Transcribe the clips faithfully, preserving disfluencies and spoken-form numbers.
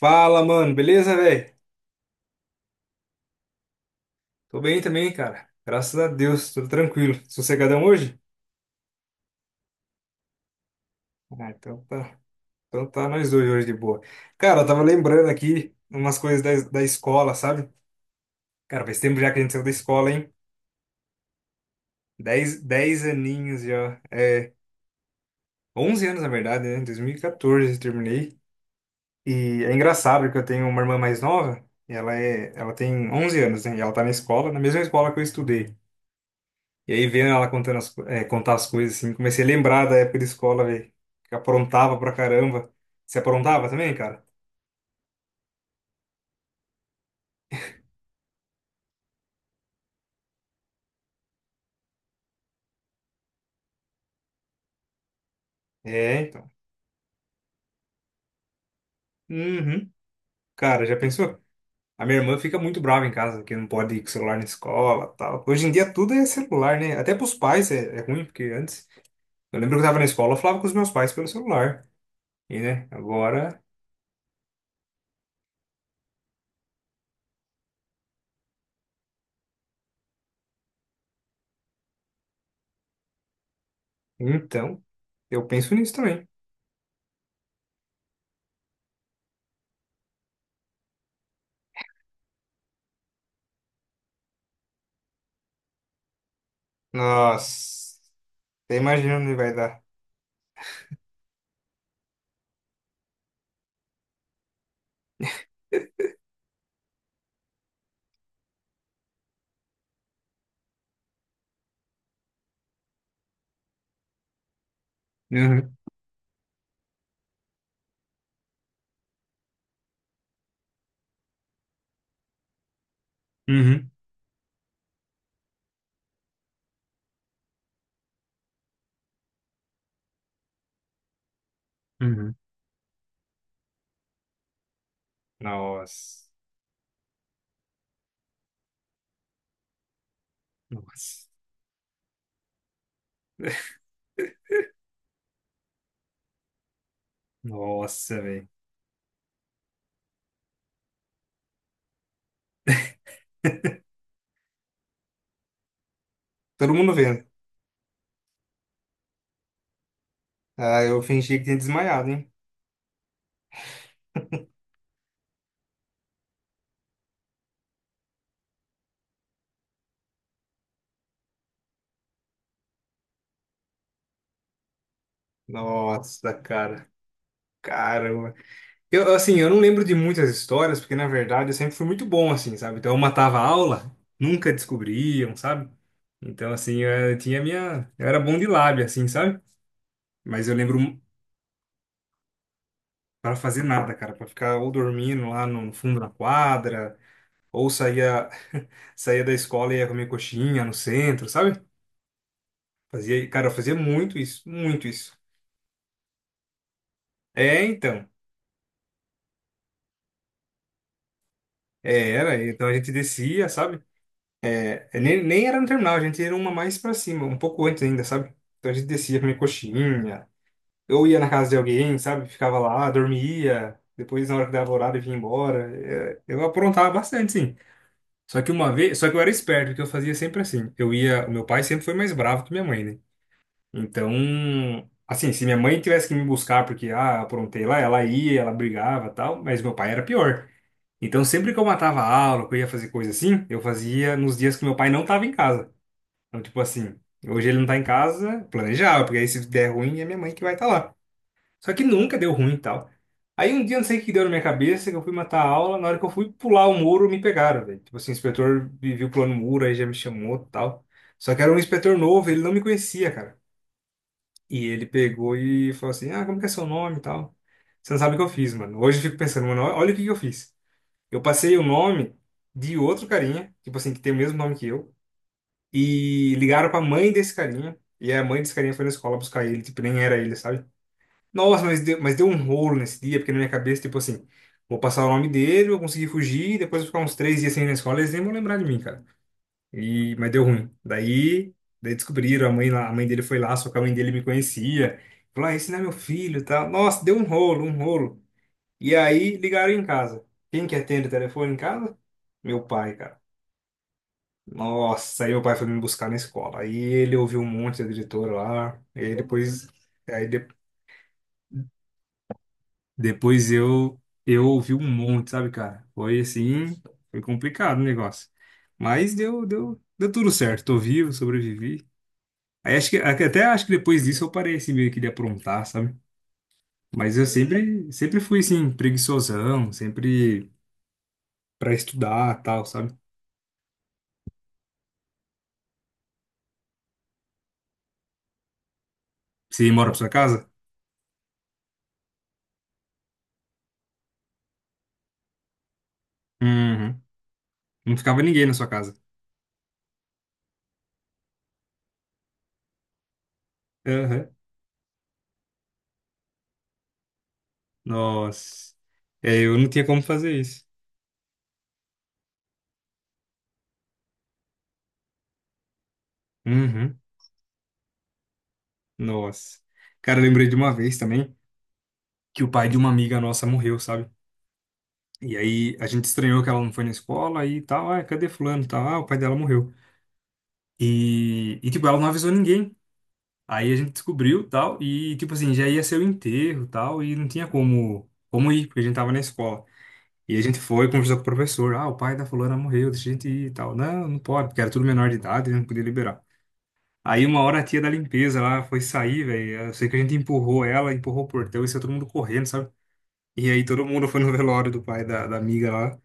Fala, mano, beleza, velho? Tô bem também, cara. Graças a Deus, tudo tranquilo. Sossegadão hoje? Ah, então tá. Então tá nós dois hoje de boa. Cara, eu tava lembrando aqui umas coisas da, da escola, sabe? Cara, faz tempo já que a gente saiu da escola, hein? Dez, dez aninhos já. É, onze anos, na verdade, né? dois mil e quatorze eu terminei. E é engraçado que eu tenho uma irmã mais nova, e ela é, ela tem onze anos, né? E ela tá na escola, na mesma escola que eu estudei. E aí, vendo ela contando as, co- eh, contar as coisas, assim, comecei a lembrar da época de escola, velho. Que aprontava pra caramba. Você aprontava também, cara? É, então. Uhum. Cara, já pensou? A minha irmã fica muito brava em casa, que não pode ir com celular na escola, tal. Hoje em dia tudo é celular, né? Até pros pais é, é ruim, porque antes... Eu lembro que eu tava na escola, eu falava com os meus pais pelo celular. E, né, agora... Então, eu penso nisso também. Nossa, até imagino onde vai dar. Uhum. Uhum. Uhum. Nossa. Nossa. Nossa, velho. Todo mundo vendo. Ah, eu fingi que tinha desmaiado, hein? Nossa, cara. Caramba. Eu, assim, eu não lembro de muitas histórias, porque na verdade eu sempre fui muito bom, assim, sabe? Então eu matava a aula, nunca descobriam, sabe? Então, assim, eu, tinha minha. Eu era bom de lábia, assim, sabe? Mas eu lembro para fazer nada, cara, para ficar ou dormindo lá no fundo da quadra, ou saía, saía da escola e ia comer coxinha no centro, sabe? Fazia, cara, eu fazia muito isso, muito isso. É, então. É, era. Então a gente descia, sabe? É, nem, nem era no terminal, a gente era uma mais pra cima, um pouco antes ainda, sabe? Então a gente descia comer coxinha, eu ia na casa de alguém, sabe? Ficava lá, dormia, depois na hora que dava horário horário vinha embora. É, eu aprontava bastante, sim. Só que uma vez, só que eu era esperto, porque eu fazia sempre assim. Eu ia, o meu pai sempre foi mais bravo que minha mãe, né? Então, assim, se minha mãe tivesse que me buscar porque, ah, aprontei lá, ela ia, ela brigava e tal, mas meu pai era pior. Então, sempre que eu matava a aula, que eu ia fazer coisa assim, eu fazia nos dias que meu pai não estava em casa. Então, tipo assim, hoje ele não tá em casa, planejava, porque aí se der ruim é minha mãe que vai estar lá. Só que nunca deu ruim e tal. Aí um dia, não sei o que deu na minha cabeça, que eu fui matar a aula, na hora que eu fui pular o muro, me pegaram, velho. Tipo assim, o inspetor me viu pulando o muro, aí já me chamou e tal. Só que era um inspetor novo, ele não me conhecia, cara. E ele pegou e falou assim, ah, como que é seu nome e tal? Você não sabe o que eu fiz, mano. Hoje eu fico pensando, mano, olha o que que eu fiz. Eu passei o nome de outro carinha, tipo assim, que tem o mesmo nome que eu, e ligaram pra mãe desse carinha, e a mãe desse carinha foi na escola buscar ele, tipo, nem era ele, sabe? Nossa, mas deu, mas deu um rolo nesse dia, porque na minha cabeça, tipo assim, vou passar o nome dele, vou conseguir fugir, depois vou ficar uns três dias sem ir na escola, eles nem vão lembrar de mim, cara. E, mas deu ruim. Daí, daí descobriram, a mãe, lá- a mãe dele foi lá, só que a mãe dele me conhecia. Falou, ah, esse não é meu filho, e tal. Nossa, deu um rolo, um rolo. E aí ligaram em casa. Quem que atende o telefone em casa? Meu pai, cara. Nossa, aí meu pai foi me buscar na escola. Aí ele ouviu um monte da diretora lá. E aí depois, aí de- depois eu eu ouvi um monte, sabe, cara? Foi assim, foi complicado o negócio. Mas deu deu deu tudo certo. Tô vivo, sobrevivi. Aí acho que até acho que depois disso eu parei assim meio que de aprontar, sabe? Mas eu sempre sempre fui assim preguiçosão, sempre pra estudar, tal, sabe? Você mora pra sua casa? Uhum. Não ficava ninguém na sua casa. Aham. Nossa. É, eu não tinha como fazer isso. Uhum. Nossa. Cara, eu lembrei de uma vez também que o pai de uma amiga nossa morreu, sabe? E aí a gente estranhou que ela não foi na escola e tal. Ah, cadê fulano? E tal. Ah, o pai dela morreu. E, e tipo, ela não avisou ninguém. Aí a gente descobriu tal. E tipo assim, já ia ser o enterro tal. E não tinha como, como ir, porque a gente tava na escola. E a gente foi, conversou com o professor. Ah, o pai da fulana morreu, deixa a gente ir e tal. Não, não pode, porque era tudo menor de idade, não podia liberar. Aí uma hora a tia da limpeza lá foi sair, velho. Eu sei que a gente empurrou ela, empurrou o portão e saiu todo mundo correndo, sabe? E aí todo mundo foi no velório do pai da, da amiga lá.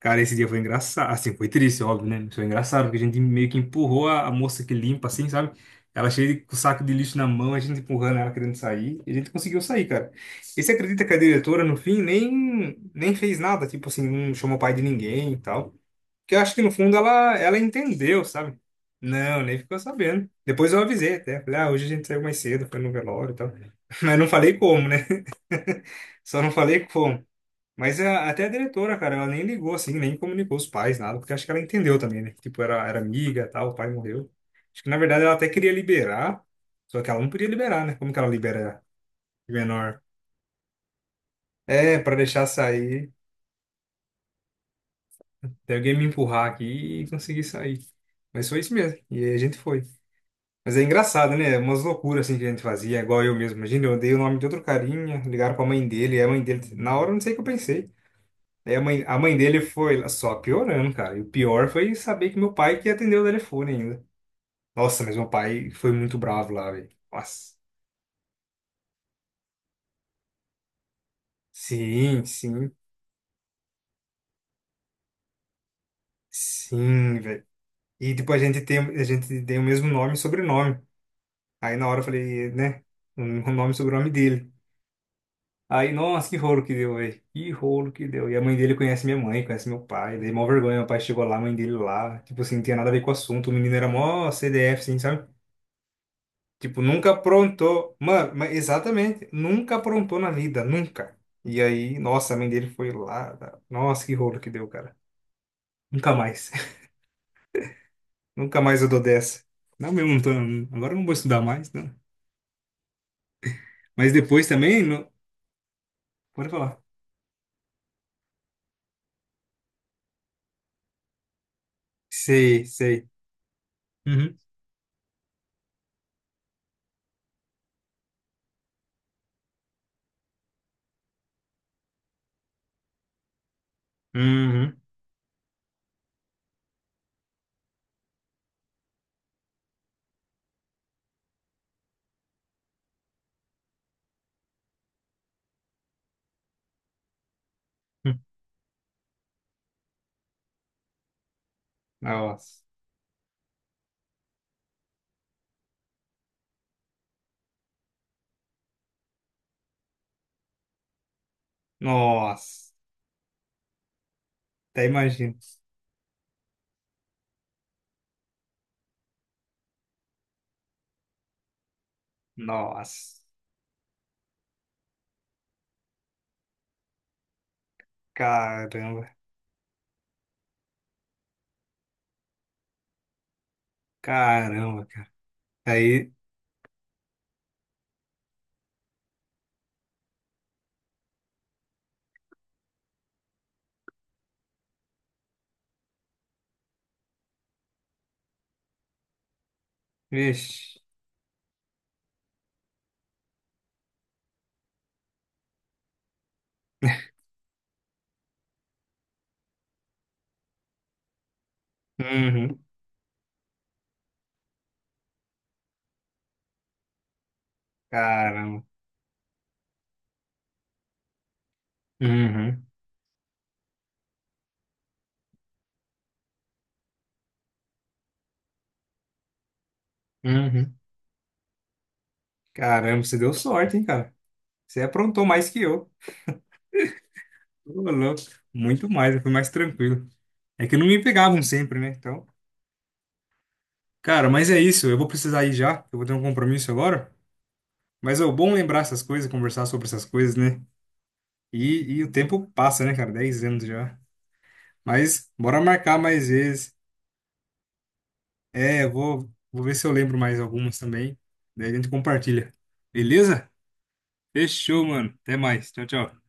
Cara, esse dia foi engraçado. Assim, foi triste, óbvio, né? Mas foi engraçado, porque a gente meio que empurrou a, a moça que limpa, assim, sabe? Ela cheia de com o saco de lixo na mão, a gente empurrando ela querendo sair. E a gente conseguiu sair, cara. E você acredita que a diretora, no fim, nem, nem fez nada? Tipo assim, não chamou pai de ninguém e tal. Porque eu acho que, no fundo, ela, ela entendeu, sabe? Não, nem ficou sabendo. Depois eu avisei até. Falei, ah, hoje a gente saiu mais cedo, foi no velório e tal. Mas não falei como, né? Só não falei como. Mas a- até a diretora, cara, ela nem ligou assim, nem comunicou os pais, nada, porque acho que ela entendeu também, né? Tipo, era, era amiga, tal, o pai morreu. Acho que na verdade ela até queria liberar, só que ela não podia liberar, né? Como que ela libera de menor? É, pra deixar sair, tem alguém me empurrar aqui e conseguir sair. Mas foi isso mesmo, e aí a gente foi. Mas é engraçado, né? Umas loucuras assim que a gente fazia, igual eu mesmo. Imagina, eu dei o nome de outro carinha, ligaram pra mãe dele, e a mãe dele, na hora eu não sei o que eu pensei. Daí a mãe, a mãe dele foi lá só piorando, cara. E o pior foi saber que meu pai que atendeu o telefone ainda. Nossa, mas meu pai foi muito bravo lá, velho. Nossa. Sim, sim, sim, velho. E tipo, a gente tem, a gente tem o mesmo nome e sobrenome. Aí na hora eu falei, né? O nome e sobrenome dele. Aí, nossa, que rolo que deu, velho. Que rolo que deu. E a mãe dele conhece minha mãe, conhece meu pai. Daí, mó vergonha. Meu pai chegou lá, a mãe dele lá. Tipo assim, não tinha nada a ver com o assunto. O menino era mó C D F, assim, sabe? Tipo, nunca aprontou. Mano, mas exatamente, nunca aprontou na vida, nunca. E aí, nossa, a mãe dele foi lá. Tá? Nossa, que rolo que deu, cara. Nunca mais. Nunca mais eu dou dessa. Não, mesmo, não tô, agora eu não vou estudar mais, não. Mas depois também, não... Pode falar. Sei, sei. Uhum. Uhum. Hum. Nossa. Nossa. Até imagino. Nossa. Caramba. Caramba, cara. Aí, vixe. Uhum. Caramba. Uhum. Uhum. Caramba, você deu sorte, hein, cara? Você aprontou mais que eu. Ô, louco. Muito mais, eu fui mais tranquilo. É que não me pegavam sempre, né? Então, cara, mas é isso. Eu vou precisar ir já. Eu vou ter um compromisso agora. Mas é bom lembrar essas coisas, conversar sobre essas coisas, né? E, e o tempo passa, né, cara? Dez anos já. Mas bora marcar mais vezes. É, eu vou, vou ver se eu lembro mais algumas também. Daí a gente compartilha. Beleza? Fechou, mano. Até mais. Tchau, tchau.